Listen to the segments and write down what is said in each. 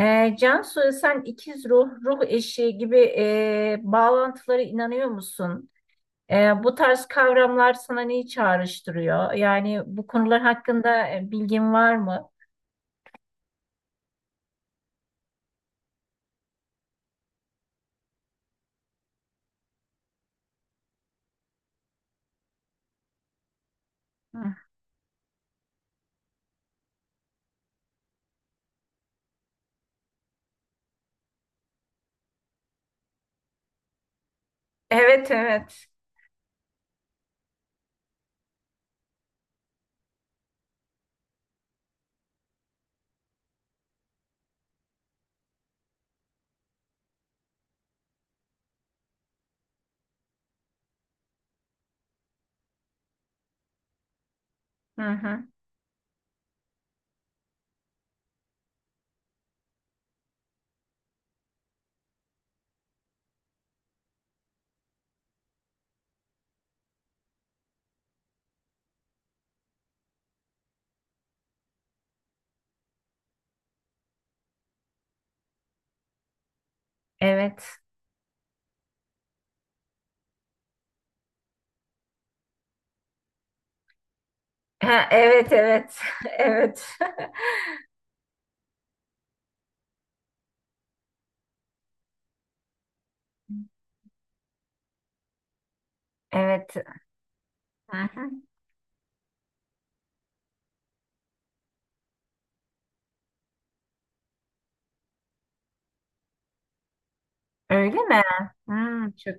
Cansu, sen ikiz ruh, ruh eşi gibi bağlantılara inanıyor musun? Bu tarz kavramlar sana neyi çağrıştırıyor? Yani bu konular hakkında bilgin var mı? Hı. Evet, evet. Hı hı. Evet. Ha, evet, evet. Evet. Evet. Hı hı. Öyle mi? Hı, çok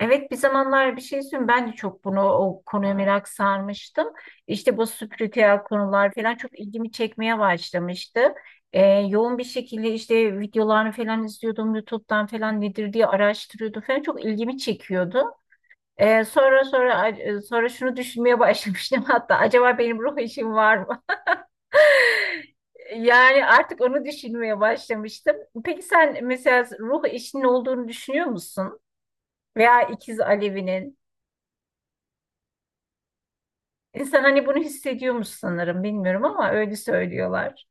evet, bir zamanlar bir şey söyleyeyim, ben de çok bunu o konuya merak sarmıştım. İşte bu spiritüel konular falan çok ilgimi çekmeye başlamıştı. Yoğun bir şekilde işte videolarını falan izliyordum YouTube'dan falan nedir diye araştırıyordum falan çok ilgimi çekiyordu. Sonra sonra şunu düşünmeye başlamıştım, hatta acaba benim ruh eşim var mı? Yani artık onu düşünmeye başlamıştım. Peki sen mesela ruh eşinin olduğunu düşünüyor musun? Veya ikiz Alevi'nin? İnsan hani bunu hissediyormuş sanırım, bilmiyorum ama öyle söylüyorlar.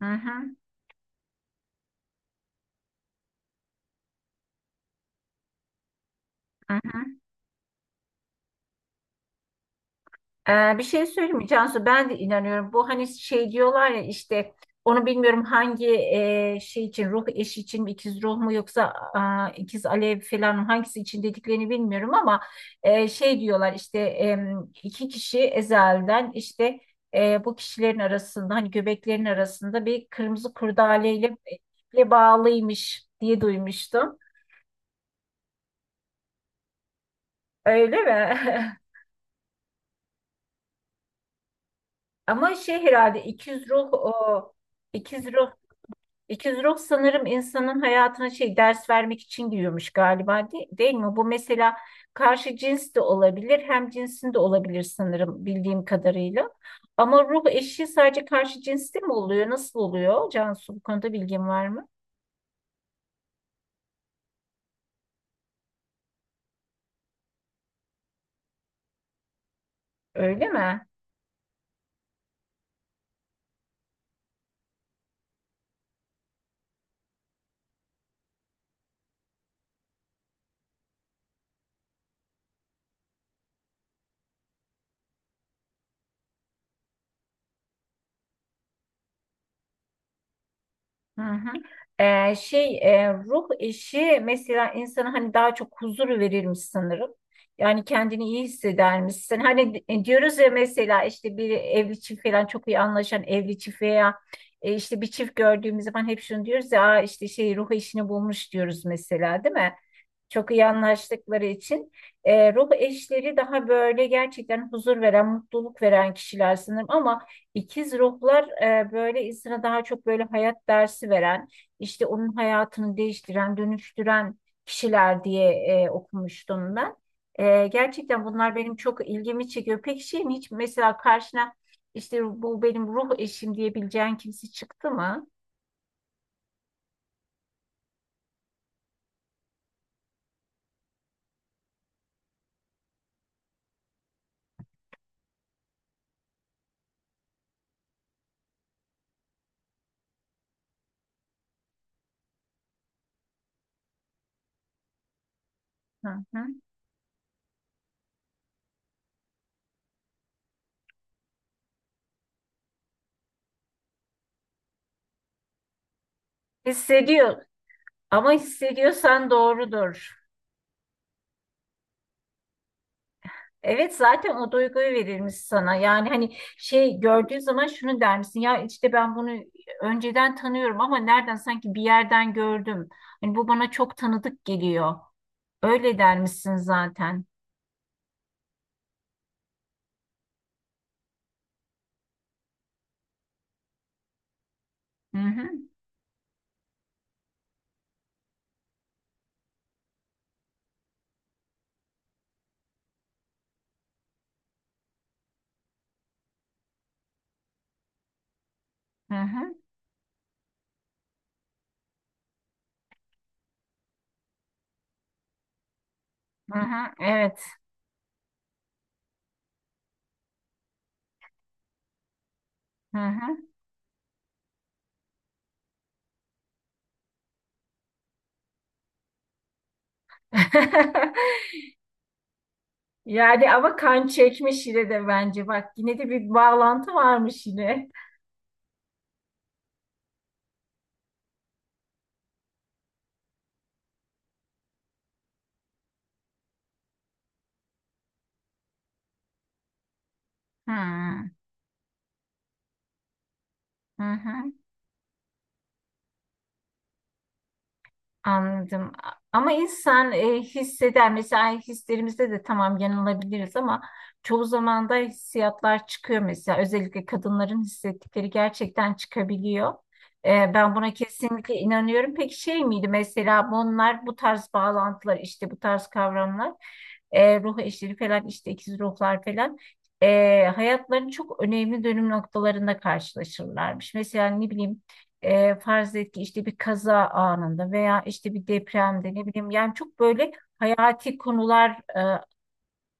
Hı hı, hı hı. Bir şey söyleyeyim mi Cansu? Ben de inanıyorum. Bu hani şey diyorlar ya, işte onu bilmiyorum, hangi şey için, ruh eşi için mi, ikiz ruh mu, yoksa a, ikiz alev falan mı, hangisi için dediklerini bilmiyorum ama şey diyorlar işte, iki kişi ezelden işte bu kişilerin arasında hani göbeklerin arasında bir kırmızı kurdaleyle bağlıymış diye duymuştum. Öyle mi? Ama şey herhalde ikiz ruh o. İkizruh sanırım insanın hayatına şey ders vermek için giriyormuş galiba, değil mi? Bu mesela karşı cins de olabilir, hem cinsin de olabilir sanırım bildiğim kadarıyla. Ama ruh eşi sadece karşı cinste mi oluyor? Nasıl oluyor? Cansu, bu konuda bilgin var mı? Öyle mi? Hı hı. Şey ruh eşi mesela insana hani daha çok huzur verirmiş sanırım. Yani kendini iyi hissedermişsin. Hani diyoruz ya mesela işte bir evli çift falan, çok iyi anlaşan evli çift veya işte bir çift gördüğümüz zaman hep şunu diyoruz ya, "Aa, işte şey ruh eşini bulmuş" diyoruz mesela, değil mi? Çok iyi anlaştıkları için ruh eşleri daha böyle gerçekten huzur veren, mutluluk veren kişiler sanırım, ama ikiz ruhlar böyle insana daha çok böyle hayat dersi veren, işte onun hayatını değiştiren, dönüştüren kişiler diye okumuştum ben. E, gerçekten bunlar benim çok ilgimi çekiyor. Peki şeyin hiç mesela karşına işte bu benim ruh eşim diyebileceğin kimse çıktı mı? Hı hı. Hissediyor ama, hissediyorsan doğrudur. Evet, zaten o duyguyu verilmiş sana. Yani hani şey gördüğün zaman şunu der misin? Ya işte ben bunu önceden tanıyorum ama nereden, sanki bir yerden gördüm. Hani bu bana çok tanıdık geliyor. Öyle der misin zaten? Hı hı, hı hı, hı hı, evet. Hı hı. Yani ama kan çekmiş yine de bence. Bak, yine de bir bağlantı varmış yine. Hı hı, hı. Anladım. Ama insan hisseder. Mesela hislerimizde de tamam yanılabiliriz ama çoğu zaman da hissiyatlar çıkıyor mesela. Özellikle kadınların hissettikleri gerçekten çıkabiliyor. E, ben buna kesinlikle inanıyorum. Peki şey miydi mesela, bunlar bu tarz bağlantılar işte, bu tarz kavramlar ruh eşleri falan, işte ikiz ruhlar falan hayatların çok önemli dönüm noktalarında karşılaşırlarmış. Mesela ne bileyim, farz et ki işte bir kaza anında veya işte bir depremde, ne bileyim, yani çok böyle hayati konular e,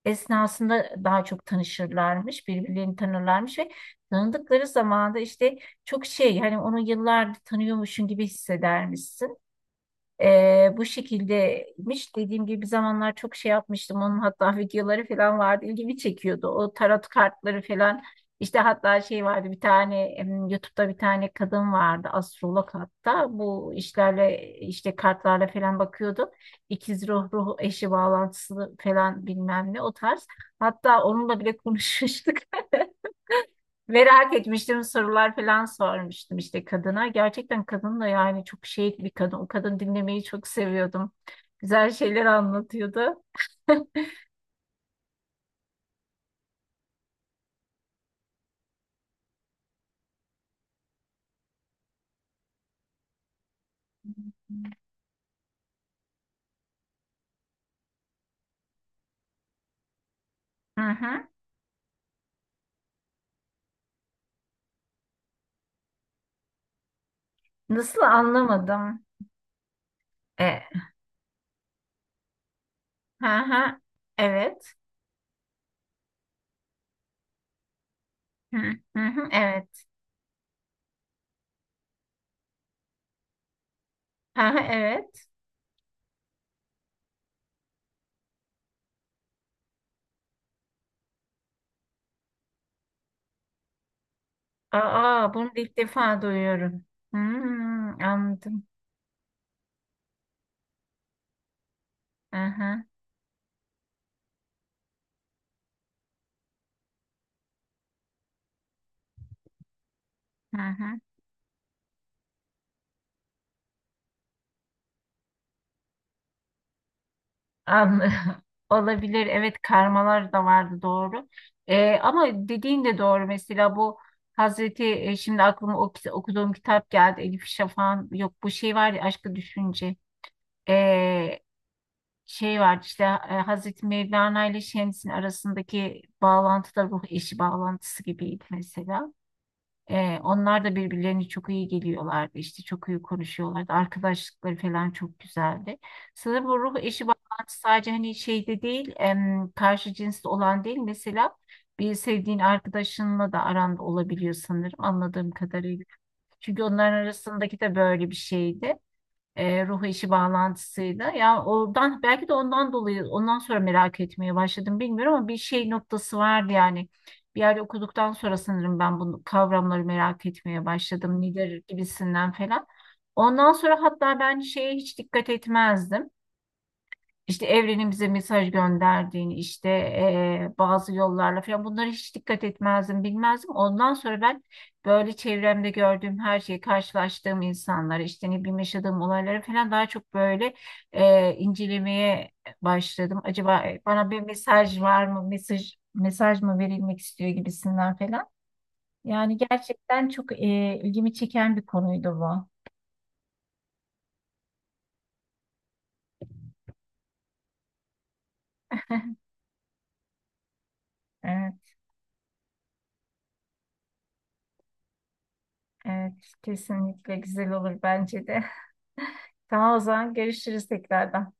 esnasında daha çok tanışırlarmış, birbirlerini tanırlarmış ve tanıdıkları zaman da işte çok şey, hani onu yıllardır tanıyormuşsun gibi hissedermişsin. Bu şekildeymiş. Dediğim gibi bir zamanlar çok şey yapmıştım. Onun hatta videoları falan vardı. İlgimi çekiyordu. O tarot kartları falan. İşte hatta şey vardı, bir tane YouTube'da bir tane kadın vardı. Astrolog hatta. Bu işlerle işte kartlarla falan bakıyordu. İkiz ruh, ruh eşi bağlantısı falan, bilmem ne, o tarz. Hatta onunla bile konuşmuştuk. Merak etmiştim, sorular falan sormuştum işte kadına. Gerçekten kadın da yani çok şey bir kadın. O kadın, dinlemeyi çok seviyordum. Güzel şeyler anlatıyordu. Hı hı. Nasıl, anlamadım. E, hı hı. Evet. Hı hı, hı, evet. Hı hı. Evet. Aa, bunu ilk defa duyuyorum. Hmm, anladım. Hı hı, hı hı. Anladım. Olabilir. Evet, karmalar da vardı, doğru. Ama dediğin de doğru. Mesela bu Hazreti şimdi aklıma okuduğum kitap geldi. Elif Şafak'ın, yok bu şey var ya, Aşkı Düşünce. Ee, Şey var işte Hazreti Mevlana ile Şems'in arasındaki bağlantı da ruh eşi bağlantısı gibiydi mesela. Onlar da birbirlerini çok iyi geliyorlardı. İşte çok iyi konuşuyorlardı. Arkadaşlıkları falan çok güzeldi. Sanırım bu ruh eşi bağlantısı sadece hani şeyde değil, karşı cinsli olan değil. Mesela bir sevdiğin arkadaşınla da aranda olabiliyor sanırım, anladığım kadarıyla. Çünkü onların arasındaki de böyle bir şeydi, ruh işi bağlantısıyla. Ya oradan belki de, ondan dolayı ondan sonra merak etmeye başladım bilmiyorum, ama bir şey noktası vardı yani. Bir yerde okuduktan sonra sanırım ben bu kavramları merak etmeye başladım. Lider gibisinden falan. Ondan sonra hatta ben şeye hiç dikkat etmezdim, işte evrenin bize mesaj gönderdiğini, işte bazı yollarla falan, bunlara hiç dikkat etmezdim, bilmezdim. Ondan sonra ben böyle çevremde gördüğüm her şeyi, karşılaştığım insanları, işte ne bileyim yaşadığım olayları falan daha çok böyle incelemeye başladım. Acaba bana bir mesaj var mı, mesaj mı verilmek istiyor gibisinden falan. Yani gerçekten çok ilgimi çeken bir konuydu bu. Evet, evet, kesinlikle güzel olur bence de. Tamam, o zaman görüşürüz tekrardan.